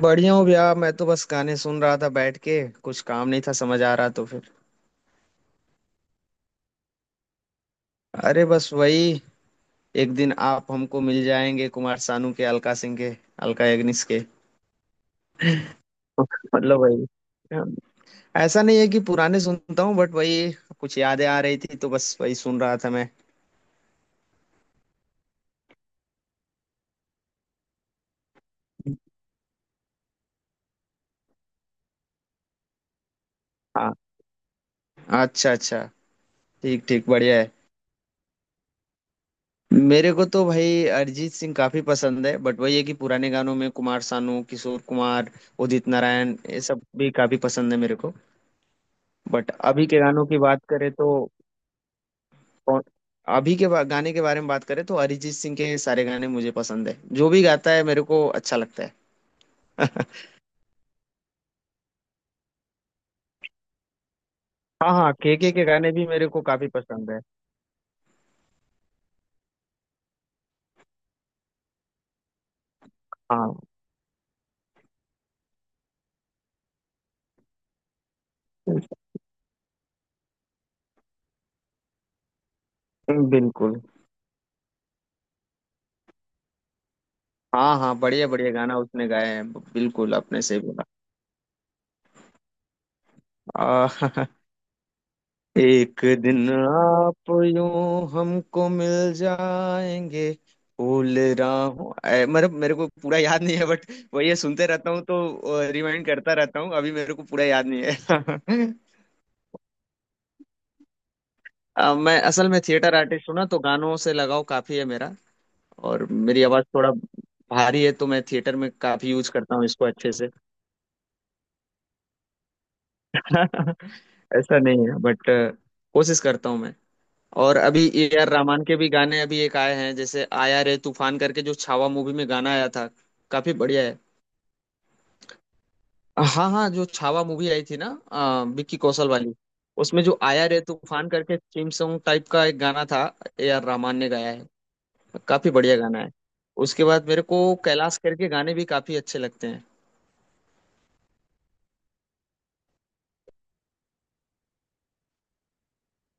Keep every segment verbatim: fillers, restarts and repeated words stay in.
बढ़िया हूँ भैया। मैं तो बस गाने सुन रहा था बैठ के। कुछ काम नहीं था समझ आ रहा तो फिर अरे बस वही, एक दिन आप हमको मिल जाएंगे। कुमार सानू के, अलका सिंह के, अलका याग्निक के। मतलब वही। हाँ। ऐसा नहीं है कि पुराने सुनता हूँ बट वही कुछ यादें आ रही थी तो बस वही सुन रहा था मैं। हाँ, अच्छा अच्छा। ठीक ठीक, बढ़िया है। मेरे को तो भाई अरिजीत सिंह काफी पसंद है बट वही है कि पुराने गानों में कुमार सानू, किशोर कुमार, उदित नारायण, ये सब भी काफी पसंद है मेरे को। बट अभी के गानों की बात करें तो कौन- अभी के बा- गाने के बारे में बात करें तो अरिजीत सिंह के सारे गाने मुझे पसंद है। जो भी गाता है मेरे को अच्छा लगता है। हाँ हाँ, के के के गाने भी मेरे को काफी पसंद है। हाँ बिल्कुल। हाँ हाँ, बढ़िया बढ़िया गाना उसने गाए हैं। बिल्कुल आपने सही बोला। आ, एक दिन आप यूं हमको मिल जाएंगे, फूल राहों ऐ, मतलब मेरे को पूरा याद नहीं है बट वही है, सुनते रहता हूँ तो रिमाइंड करता रहता हूँ। अभी मेरे को पूरा याद नहीं है। अ, मैं असल में थिएटर आर्टिस्ट हूँ ना, तो गानों से लगाव काफी है मेरा। और मेरी आवाज थोड़ा भारी है, तो मैं थिएटर में काफी यूज करता हूँ इसको अच्छे से। ऐसा नहीं है बट कोशिश करता हूँ मैं। और अभी ए आर रहमान के भी गाने अभी एक आए हैं, जैसे आया रे तूफान करके, जो छावा मूवी में गाना आया था। काफी बढ़िया है। हाँ हाँ, जो छावा मूवी आई थी ना, अ, विक्की कौशल वाली। उसमें जो आया रे तूफान करके थीम सॉन्ग टाइप का एक गाना था, ए आर रहमान ने गाया है। काफी बढ़िया गाना है। उसके बाद मेरे को कैलाश खेर के गाने भी काफी अच्छे लगते हैं।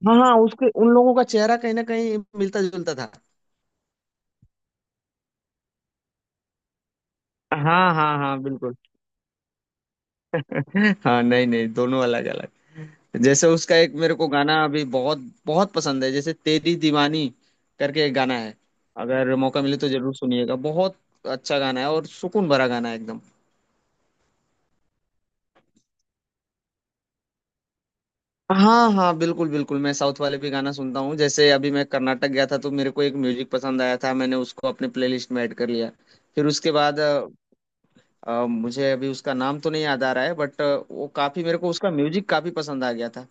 हाँ हाँ, उसके उन लोगों का चेहरा कहीं ना कहीं मिलता जुलता था। हाँ हाँ हाँ, बिल्कुल। हाँ नहीं नहीं, दोनों अलग अलग। जैसे उसका एक मेरे को गाना अभी बहुत बहुत पसंद है, जैसे तेरी दीवानी करके एक गाना है। अगर मौका मिले तो जरूर सुनिएगा, बहुत अच्छा गाना है। और सुकून भरा गाना है एकदम। हाँ हाँ बिल्कुल बिल्कुल, मैं साउथ वाले भी गाना सुनता हूँ। जैसे अभी मैं कर्नाटक गया था तो मेरे को एक म्यूजिक पसंद आया था, मैंने उसको अपने प्लेलिस्ट में ऐड कर लिया। फिर उसके बाद अ, अ, मुझे अभी उसका नाम तो नहीं याद आ रहा है बट वो काफी मेरे को उसका म्यूजिक काफी पसंद आ गया था।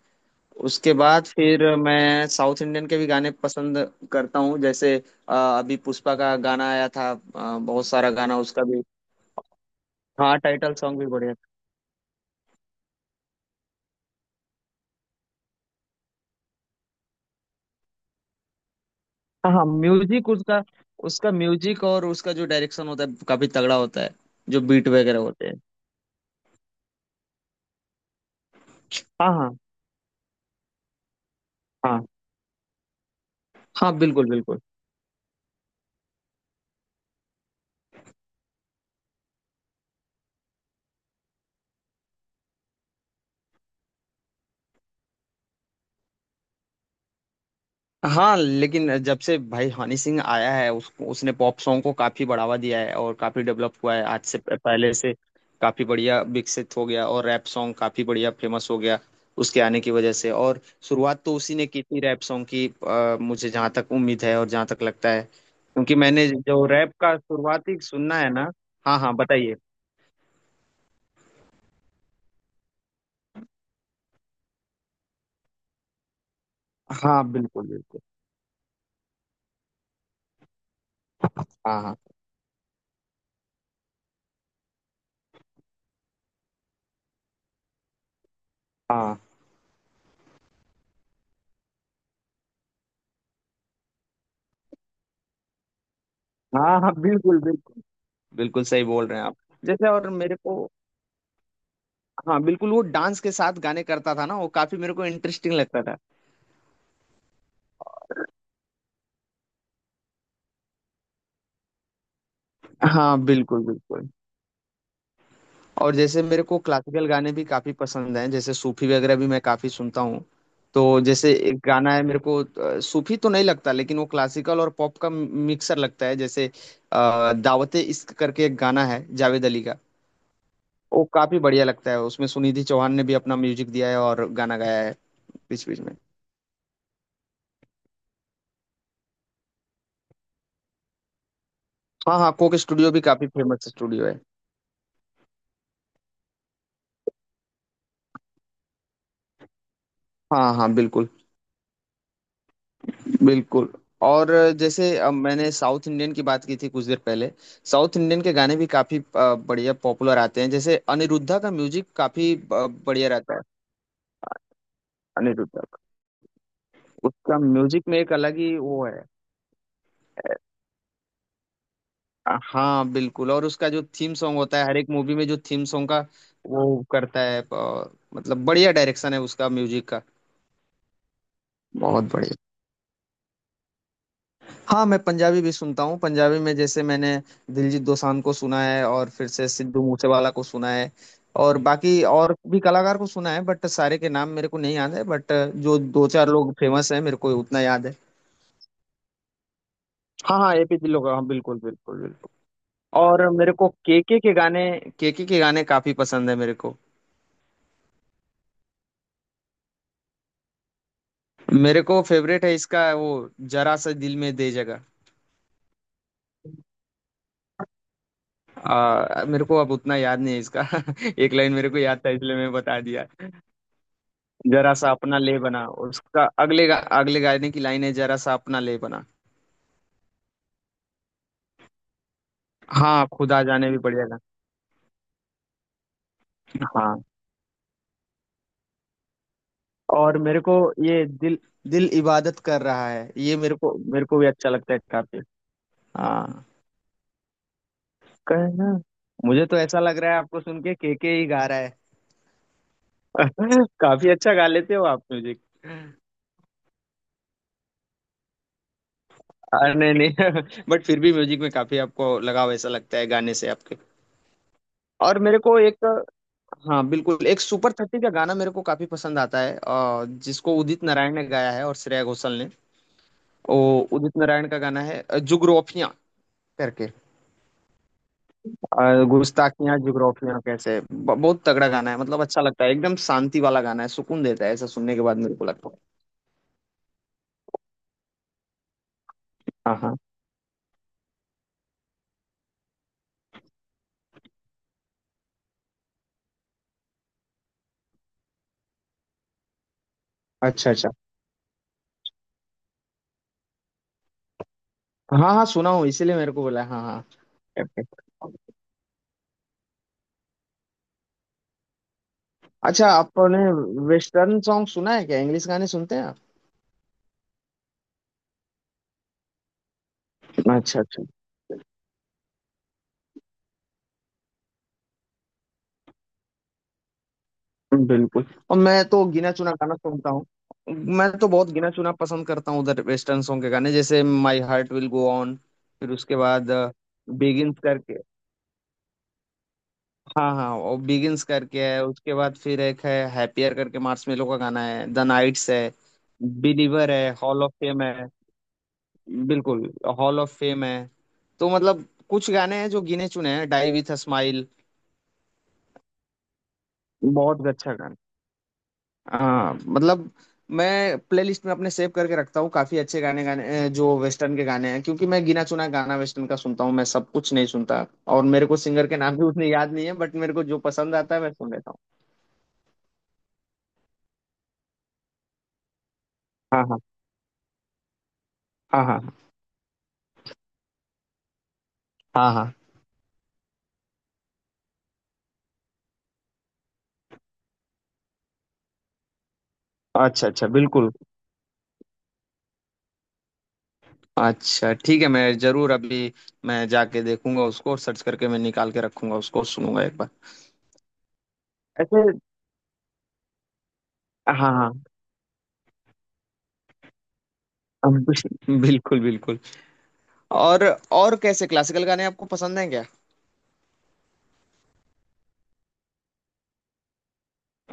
उसके बाद फिर मैं साउथ इंडियन के भी गाने पसंद करता हूँ। जैसे अ, अभी पुष्पा का गाना आया था, अ, बहुत सारा गाना उसका भी। हाँ टाइटल सॉन्ग भी बढ़िया था। हाँ हाँ, म्यूजिक उसका, उसका म्यूजिक और उसका जो डायरेक्शन होता है काफी तगड़ा होता है, जो बीट वगैरह होते हैं। हाँ हाँ हाँ हाँ बिल्कुल बिल्कुल। हाँ लेकिन जब से भाई हनी सिंह आया है उस, उसने पॉप सॉन्ग को काफी बढ़ावा दिया है, और काफी डेवलप हुआ है आज से प- पहले से काफी बढ़िया विकसित हो गया, और रैप सॉन्ग काफी बढ़िया फेमस हो गया उसके आने की वजह से। और शुरुआत तो उसी ने की थी रैप सॉन्ग की, अ, मुझे जहाँ तक उम्मीद है और जहाँ तक लगता है, क्योंकि मैंने जो रैप का शुरुआती सुनना है ना। हाँ हाँ बताइए। हाँ बिल्कुल बिल्कुल। हाँ हाँ हाँ हाँ हाँ बिल्कुल बिल्कुल। बिल्कुल सही बोल रहे हैं आप। जैसे, और मेरे को, हाँ बिल्कुल, वो डांस के साथ गाने करता था ना, वो काफी मेरे को इंटरेस्टिंग लगता था। हाँ बिल्कुल बिल्कुल। और जैसे मेरे को क्लासिकल गाने भी काफी पसंद हैं, जैसे सूफी वगैरह भी मैं काफी सुनता हूँ। तो जैसे एक गाना है मेरे को, अ, सूफी तो नहीं लगता लेकिन वो क्लासिकल और पॉप का मिक्सर लगता है, जैसे अ, दावते इश्क करके एक गाना है जावेद अली का। वो काफी बढ़िया लगता है। उसमें सुनिधि चौहान ने भी अपना म्यूजिक दिया है और गाना गाया है बीच बीच में। हाँ हाँ, कोक स्टूडियो भी काफी फेमस स्टूडियो है। हाँ हाँ बिल्कुल बिल्कुल। और जैसे अब मैंने साउथ इंडियन की बात की थी कुछ देर पहले, साउथ इंडियन के गाने भी काफी अ, बढ़िया पॉपुलर आते हैं। जैसे अनिरुद्धा का म्यूजिक काफी अ, बढ़िया रहता है। अनिरुद्धा का। उसका म्यूजिक में एक अलग ही वो है। हाँ बिल्कुल। और उसका जो थीम सॉन्ग होता है हर एक मूवी में, जो थीम सॉन्ग का वो करता है अ, मतलब बढ़िया डायरेक्शन है उसका म्यूजिक का। बहुत बढ़िया। हाँ, मैं पंजाबी भी सुनता हूँ। पंजाबी में जैसे मैंने दिलजीत दोसांझ को सुना है, और फिर से सिद्धू मूसेवाला को सुना है। और बाकी और भी कलाकार को सुना है बट सारे के नाम मेरे को नहीं याद है बट जो दो चार लोग फेमस हैं मेरे को उतना याद है। हाँ हाँ एपी ढिल्लो का, हाँ बिल्कुल बिल्कुल बिल्कुल। और मेरे को केके के गाने, केके के गाने काफी पसंद है मेरे को। मेरे को फेवरेट है इसका वो, जरा सा दिल में दे जगह। आ, मेरे को अब उतना याद नहीं है इसका। एक लाइन मेरे को याद था इसलिए मैं बता दिया। जरा सा अपना ले बना, उसका अगले गा, अगले गाने की लाइन है, जरा सा अपना ले बना। हाँ खुदा जाने भी बढ़िया गाना। हाँ और मेरे को ये दिल, दिल इबादत कर रहा है, ये मेरे को, मेरे को भी अच्छा लगता है काफी। हाँ कहना। मुझे तो ऐसा लग रहा है आपको सुन के केके ही गा रहा है। काफी अच्छा गा लेते हो आप म्यूजिक। अरे नहीं नहीं। बट फिर भी म्यूजिक में काफी आपको लगाव ऐसा लगता है गाने से आपके। और मेरे को एक, हाँ बिल्कुल, एक सुपर थर्टी का गाना मेरे को काफी पसंद आता है, अ, जिसको उदित नारायण ने गाया है और श्रेया घोषाल ने। वो उदित नारायण का गाना है अ, जुगरोफियाँ करके। अ, गुस्ताखियां जुगरोफियाँ कैसे ब- बहुत तगड़ा गाना है। मतलब अच्छा लगता है। एकदम शांति वाला गाना है, सुकून देता है ऐसा सुनने के बाद मेरे को लगता है। हाँ हाँ। अच्छा अच्छा। हाँ हाँ सुना हूँ, इसीलिए मेरे को बोला हाँ हाँ। Perfect। अच्छा, आपने वेस्टर्न सॉन्ग सुना है क्या? इंग्लिश गाने सुनते हैं आप? अच्छा अच्छा, बिल्कुल। और मैं तो गिना चुना गाना सुनता हूँ। मैं तो बहुत गिना चुना पसंद करता हूँ उधर वेस्टर्न सॉन्ग के गाने, जैसे my heart will go on. फिर उसके बाद बिगिंस करके, हाँ हाँ, और बिगिंस करके है। उसके बाद फिर एक है हैप्पियर करके, मार्शमेलो का गाना है, द नाइट्स है, बिलीवर है, हॉल ऑफ फेम है। बिल्कुल, हॉल ऑफ फेम है। तो मतलब कुछ गाने हैं जो गिने चुने हैं। डाई विथ अ स्माइल, बहुत अच्छा गाना। हाँ मतलब मैं प्लेलिस्ट में अपने सेव करके रखता हूँ काफी अच्छे गाने गाने अ, जो वेस्टर्न के गाने हैं, क्योंकि मैं गिना चुना गाना वेस्टर्न का सुनता हूँ, मैं सब कुछ नहीं सुनता। और मेरे को सिंगर के नाम भी उतने याद नहीं है बट मेरे को जो पसंद आता है मैं सुन लेता हूँ। हाँ हाँ हाँ हाँ हाँ हाँ। अच्छा अच्छा, बिल्कुल। अच्छा ठीक है, मैं जरूर अभी, मैं जाके देखूंगा उसको और सर्च करके मैं निकाल के रखूंगा उसको और सुनूंगा एक बार। ऐसे हाँ हाँ बिल्कुल बिल्कुल। और और कैसे, क्लासिकल गाने आपको पसंद हैं क्या?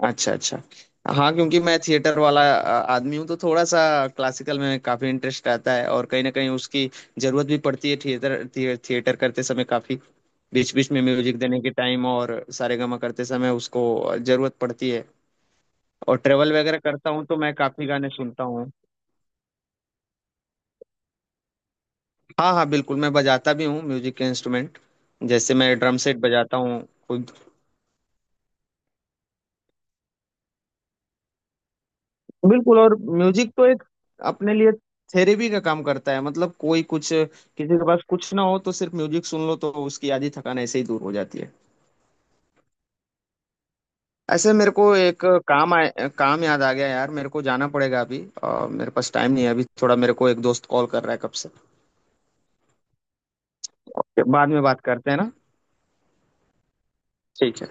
अच्छा अच्छा। हाँ क्योंकि मैं थिएटर वाला अ, आदमी हूँ तो थोड़ा सा क्लासिकल में काफी इंटरेस्ट आता है। और कहीं ना कहीं उसकी जरूरत भी पड़ती है, थिएटर थिए- थिएटर करते समय काफी, बीच बीच में म्यूजिक देने के टाइम और सारेगामा करते समय, उसको जरूरत पड़ती है। और ट्रेवल वगैरह करता हूँ तो मैं काफी गाने सुनता हूँ। हाँ हाँ बिल्कुल, मैं बजाता भी हूँ म्यूजिक के इंस्ट्रूमेंट। जैसे मैं ड्रम सेट बजाता हूँ। बिल्कुल, और म्यूजिक तो एक अपने लिए थेरेपी का काम करता है। मतलब कोई कुछ, किसी के पास कुछ ना हो तो सिर्फ म्यूजिक सुन लो तो उसकी आधी थकान ऐसे ही दूर हो जाती है। ऐसे मेरे को एक काम आए काम याद आ गया यार, मेरे को जाना पड़ेगा अभी, अ, मेरे पास टाइम नहीं है अभी थोड़ा, मेरे को एक दोस्त कॉल कर रहा है कब से। ओके, बाद में बात करते हैं ना। ठीक है।